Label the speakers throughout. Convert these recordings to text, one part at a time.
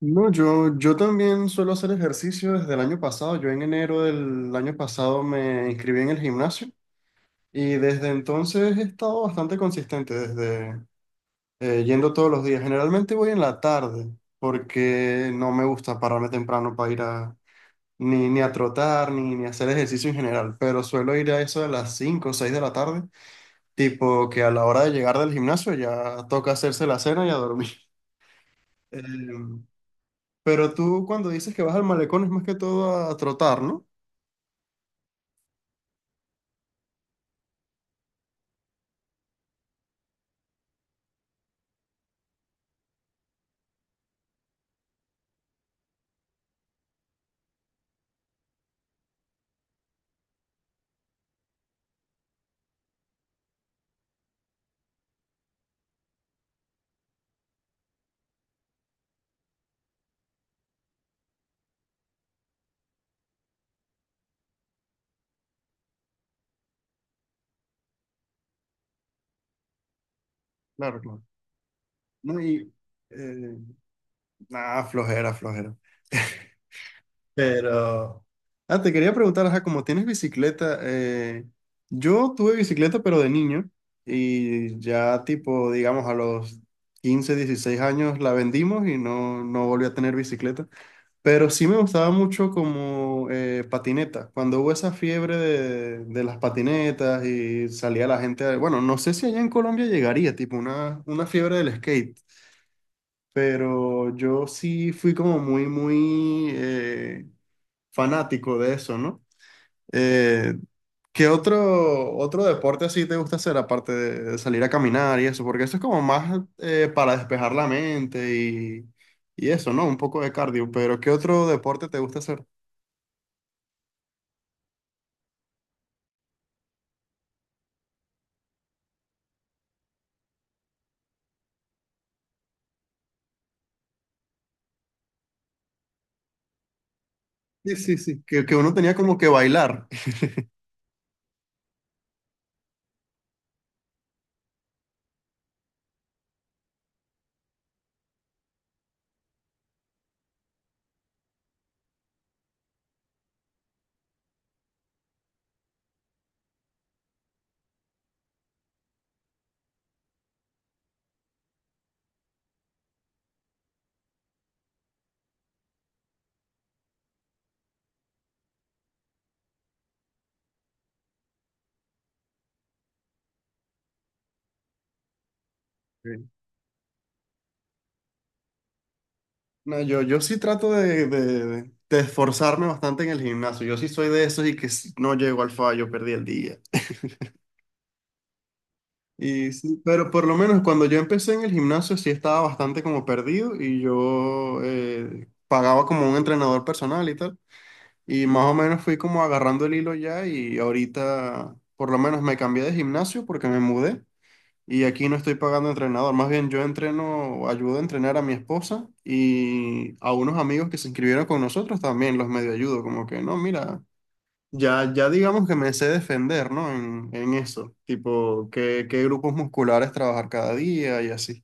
Speaker 1: No, yo también suelo hacer ejercicio desde el año pasado. Yo en enero del año pasado me inscribí en el gimnasio y desde entonces he estado bastante consistente, desde yendo todos los días. Generalmente voy en la tarde porque no me gusta pararme temprano para ir a ni a trotar ni hacer ejercicio en general, pero suelo ir a eso de las 5 o 6 de la tarde, tipo que a la hora de llegar del gimnasio ya toca hacerse la cena y a dormir. Em, Pero tú cuando dices que vas al malecón es más que todo a trotar, ¿no? Claro, claro. No, y eh, Ah, flojera, flojera. Pero... Ah, te quería preguntar, ajá, como tienes bicicleta, yo tuve bicicleta pero de niño y ya tipo, digamos, a los 15, 16 años la vendimos y no, no volví a tener bicicleta. Pero sí me gustaba mucho como patineta. Cuando hubo esa fiebre de, las patinetas y salía la gente, a- bueno, no sé si allá en Colombia llegaría, tipo una fiebre del skate, pero yo sí fui como muy fanático de eso, ¿no? Eh, ¿Qué otro deporte así te gusta hacer aparte de salir a caminar y eso? Porque eso es como más para despejar la mente y eso, ¿no? Un poco de cardio, pero ¿qué otro deporte te gusta hacer? Sí, sí, sí, que uno tenía como que bailar. Ok. No, yo sí trato de, de esforzarme bastante en el gimnasio. Yo sí soy de esos y que si no llego al fallo, perdí el día. Y sí, pero por lo menos cuando yo empecé en el gimnasio sí estaba bastante como perdido y yo pagaba como un entrenador personal y tal. Y más o menos fui como agarrando el hilo ya y ahorita por lo menos me cambié de gimnasio porque me mudé. Y aquí no estoy pagando entrenador, más bien yo entreno, ayudo a entrenar a mi esposa y a unos amigos que se inscribieron con nosotros también los medio ayudo, como que no, mira, ya, ya digamos que me sé defender, ¿no? En eso, tipo, qué, qué grupos musculares trabajar cada día y así.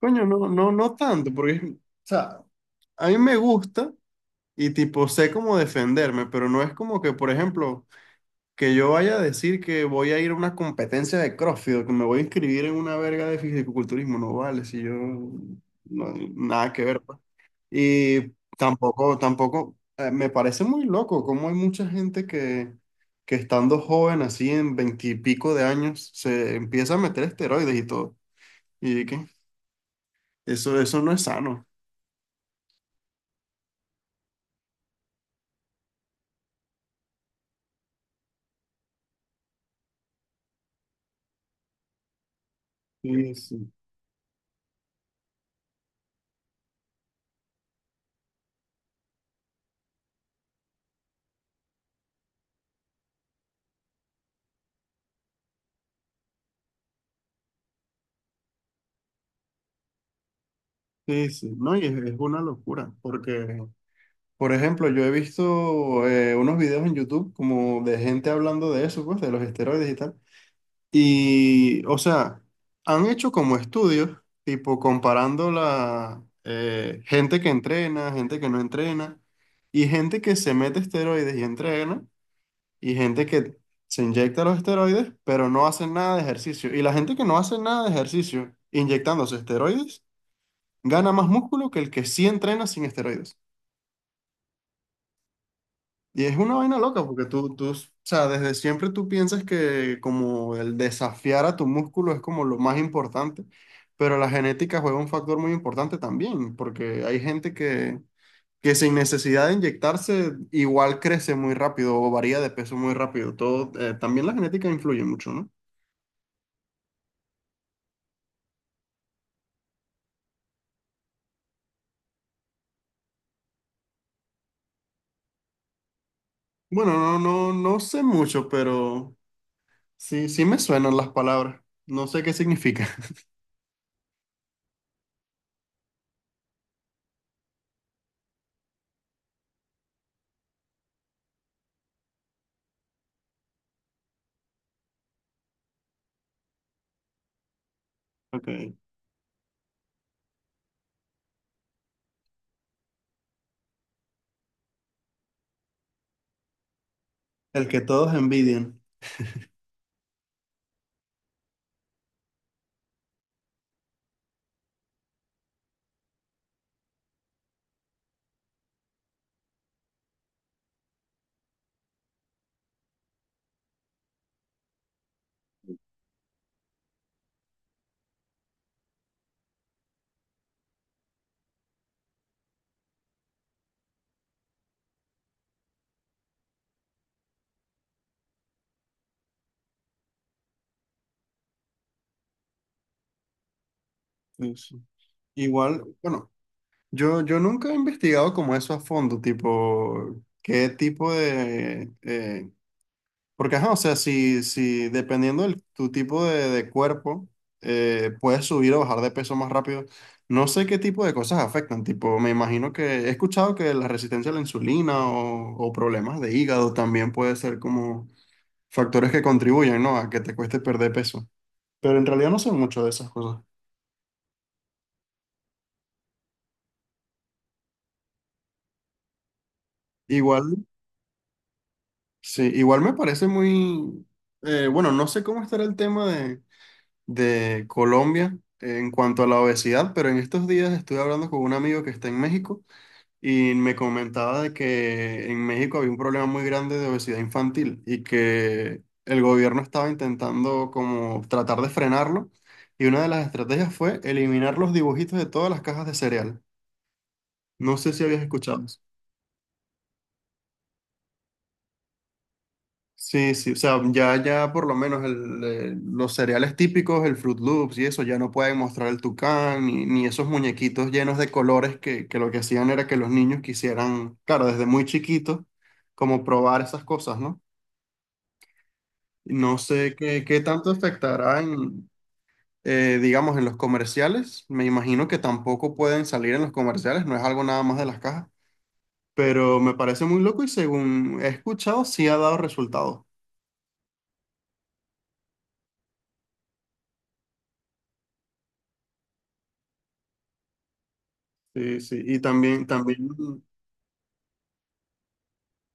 Speaker 1: Coño, no tanto, porque, o sea, a mí me gusta y tipo, sé cómo defenderme, pero no es como que, por ejemplo... Que yo vaya a decir que voy a ir a una competencia de CrossFit, o que me voy a inscribir en una verga de fisicoculturismo, no vale, si yo nada que ver. Pues. Y tampoco, me parece muy loco cómo hay mucha gente que, estando joven, así en veintipico de años, se empieza a meter esteroides y todo. Y qué eso, eso no es sano. Sí, sí, sí, sí. No, y es una locura, porque por ejemplo, yo he visto unos videos en YouTube como de gente hablando de eso, pues, de los esteroides y tal. Y, o sea, han hecho como estudios, tipo comparando la gente que entrena, gente que no entrena, y gente que se mete esteroides y entrena, y gente que se inyecta los esteroides, pero no hace nada de ejercicio. Y la gente que no hace nada de ejercicio inyectándose esteroides gana más músculo que el que sí entrena sin esteroides. Y es una vaina loca porque tú, o sea, desde siempre tú piensas que como el desafiar a tu músculo es como lo más importante, pero la genética juega un factor muy importante también, porque hay gente que sin necesidad de inyectarse igual crece muy rápido o varía de peso muy rápido. Todo, también la genética influye mucho, ¿no? Bueno, no sé mucho, pero sí, sí me suenan las palabras. No sé qué significa. Okay. El que todos envidian. Sí, sí. Igual, bueno. Yo nunca he investigado como eso a fondo, tipo, qué tipo de... porque, ajá, o sea, si, dependiendo de tu tipo de cuerpo, puedes subir o bajar de peso más rápido. No sé qué tipo de cosas afectan, tipo, me imagino que he escuchado que la resistencia a la insulina o problemas de hígado también puede ser como factores que contribuyen, ¿no? A que te cueste perder peso. Pero en realidad no sé mucho de esas cosas. Igual. Sí, igual me parece muy, bueno, no sé cómo estará el tema de Colombia en cuanto a la obesidad, pero en estos días estuve hablando con un amigo que está en México y me comentaba de que en México había un problema muy grande de obesidad infantil y que el gobierno estaba intentando como tratar de frenarlo y una de las estrategias fue eliminar los dibujitos de todas las cajas de cereal. No sé si habías escuchado. Sí, sí, o sea, ya, por lo menos los cereales típicos, el Fruit Loops y eso, ya no pueden mostrar el tucán ni esos muñequitos llenos de colores que, lo que hacían era que los niños quisieran, claro, desde muy chiquitos, como probar esas cosas, ¿no? No sé qué tanto afectará en, digamos, en los comerciales. Me imagino que tampoco pueden salir en los comerciales, no es algo nada más de las cajas, pero me parece muy loco y según he escuchado, sí ha dado resultados. Sí, sí, y también, también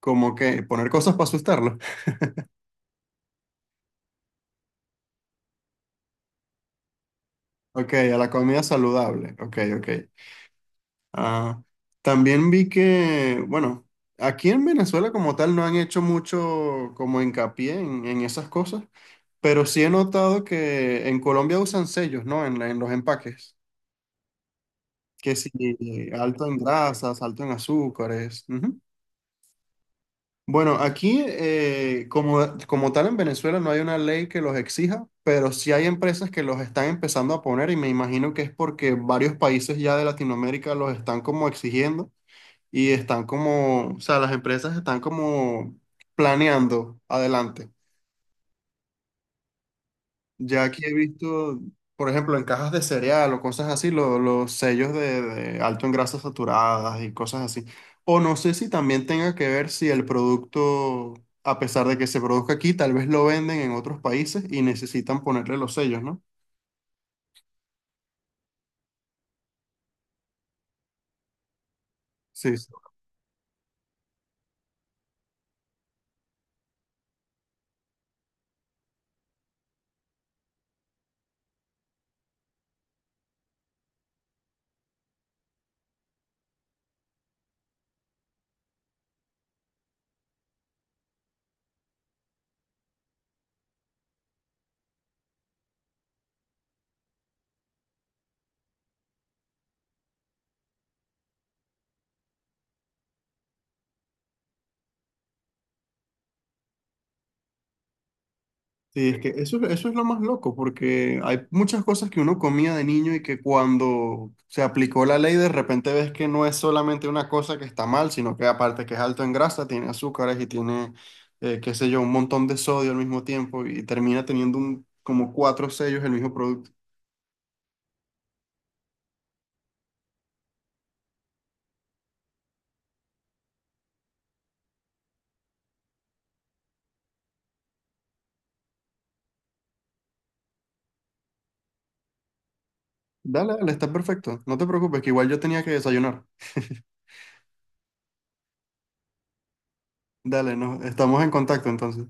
Speaker 1: como que poner cosas para asustarlo. Ok, a la comida saludable. Ok, ok. Ah, también vi que, bueno, aquí en Venezuela como tal no han hecho mucho como hincapié en, esas cosas, pero sí he notado que en Colombia usan sellos, ¿no? En los empaques. Que sí, alto en grasas, alto en azúcares. Ujú. Bueno, aquí como tal en Venezuela no hay una ley que los exija, pero sí hay empresas que los están empezando a poner y me imagino que es porque varios países ya de Latinoamérica los están como exigiendo y están como, o sea, las empresas están como planeando adelante. Ya aquí he visto, por ejemplo, en cajas de cereal o cosas así, lo- los sellos de, alto en grasas saturadas y cosas así. O no sé si también tenga que ver si el producto, a pesar de que se produzca aquí, tal vez lo venden en otros países y necesitan ponerle los sellos, ¿no? Sí. Sí. Sí, es que eso es lo más loco, porque hay muchas cosas que uno comía de niño y que cuando se aplicó la ley de repente ves que no es solamente una cosa que está mal, sino que aparte que es alto en grasa, tiene azúcares y tiene, qué sé yo, un montón de sodio al mismo tiempo y termina teniendo un, como cuatro sellos el mismo producto. Dale, dale, está perfecto. No te preocupes, que igual yo tenía que desayunar. Dale, no, estamos en contacto entonces.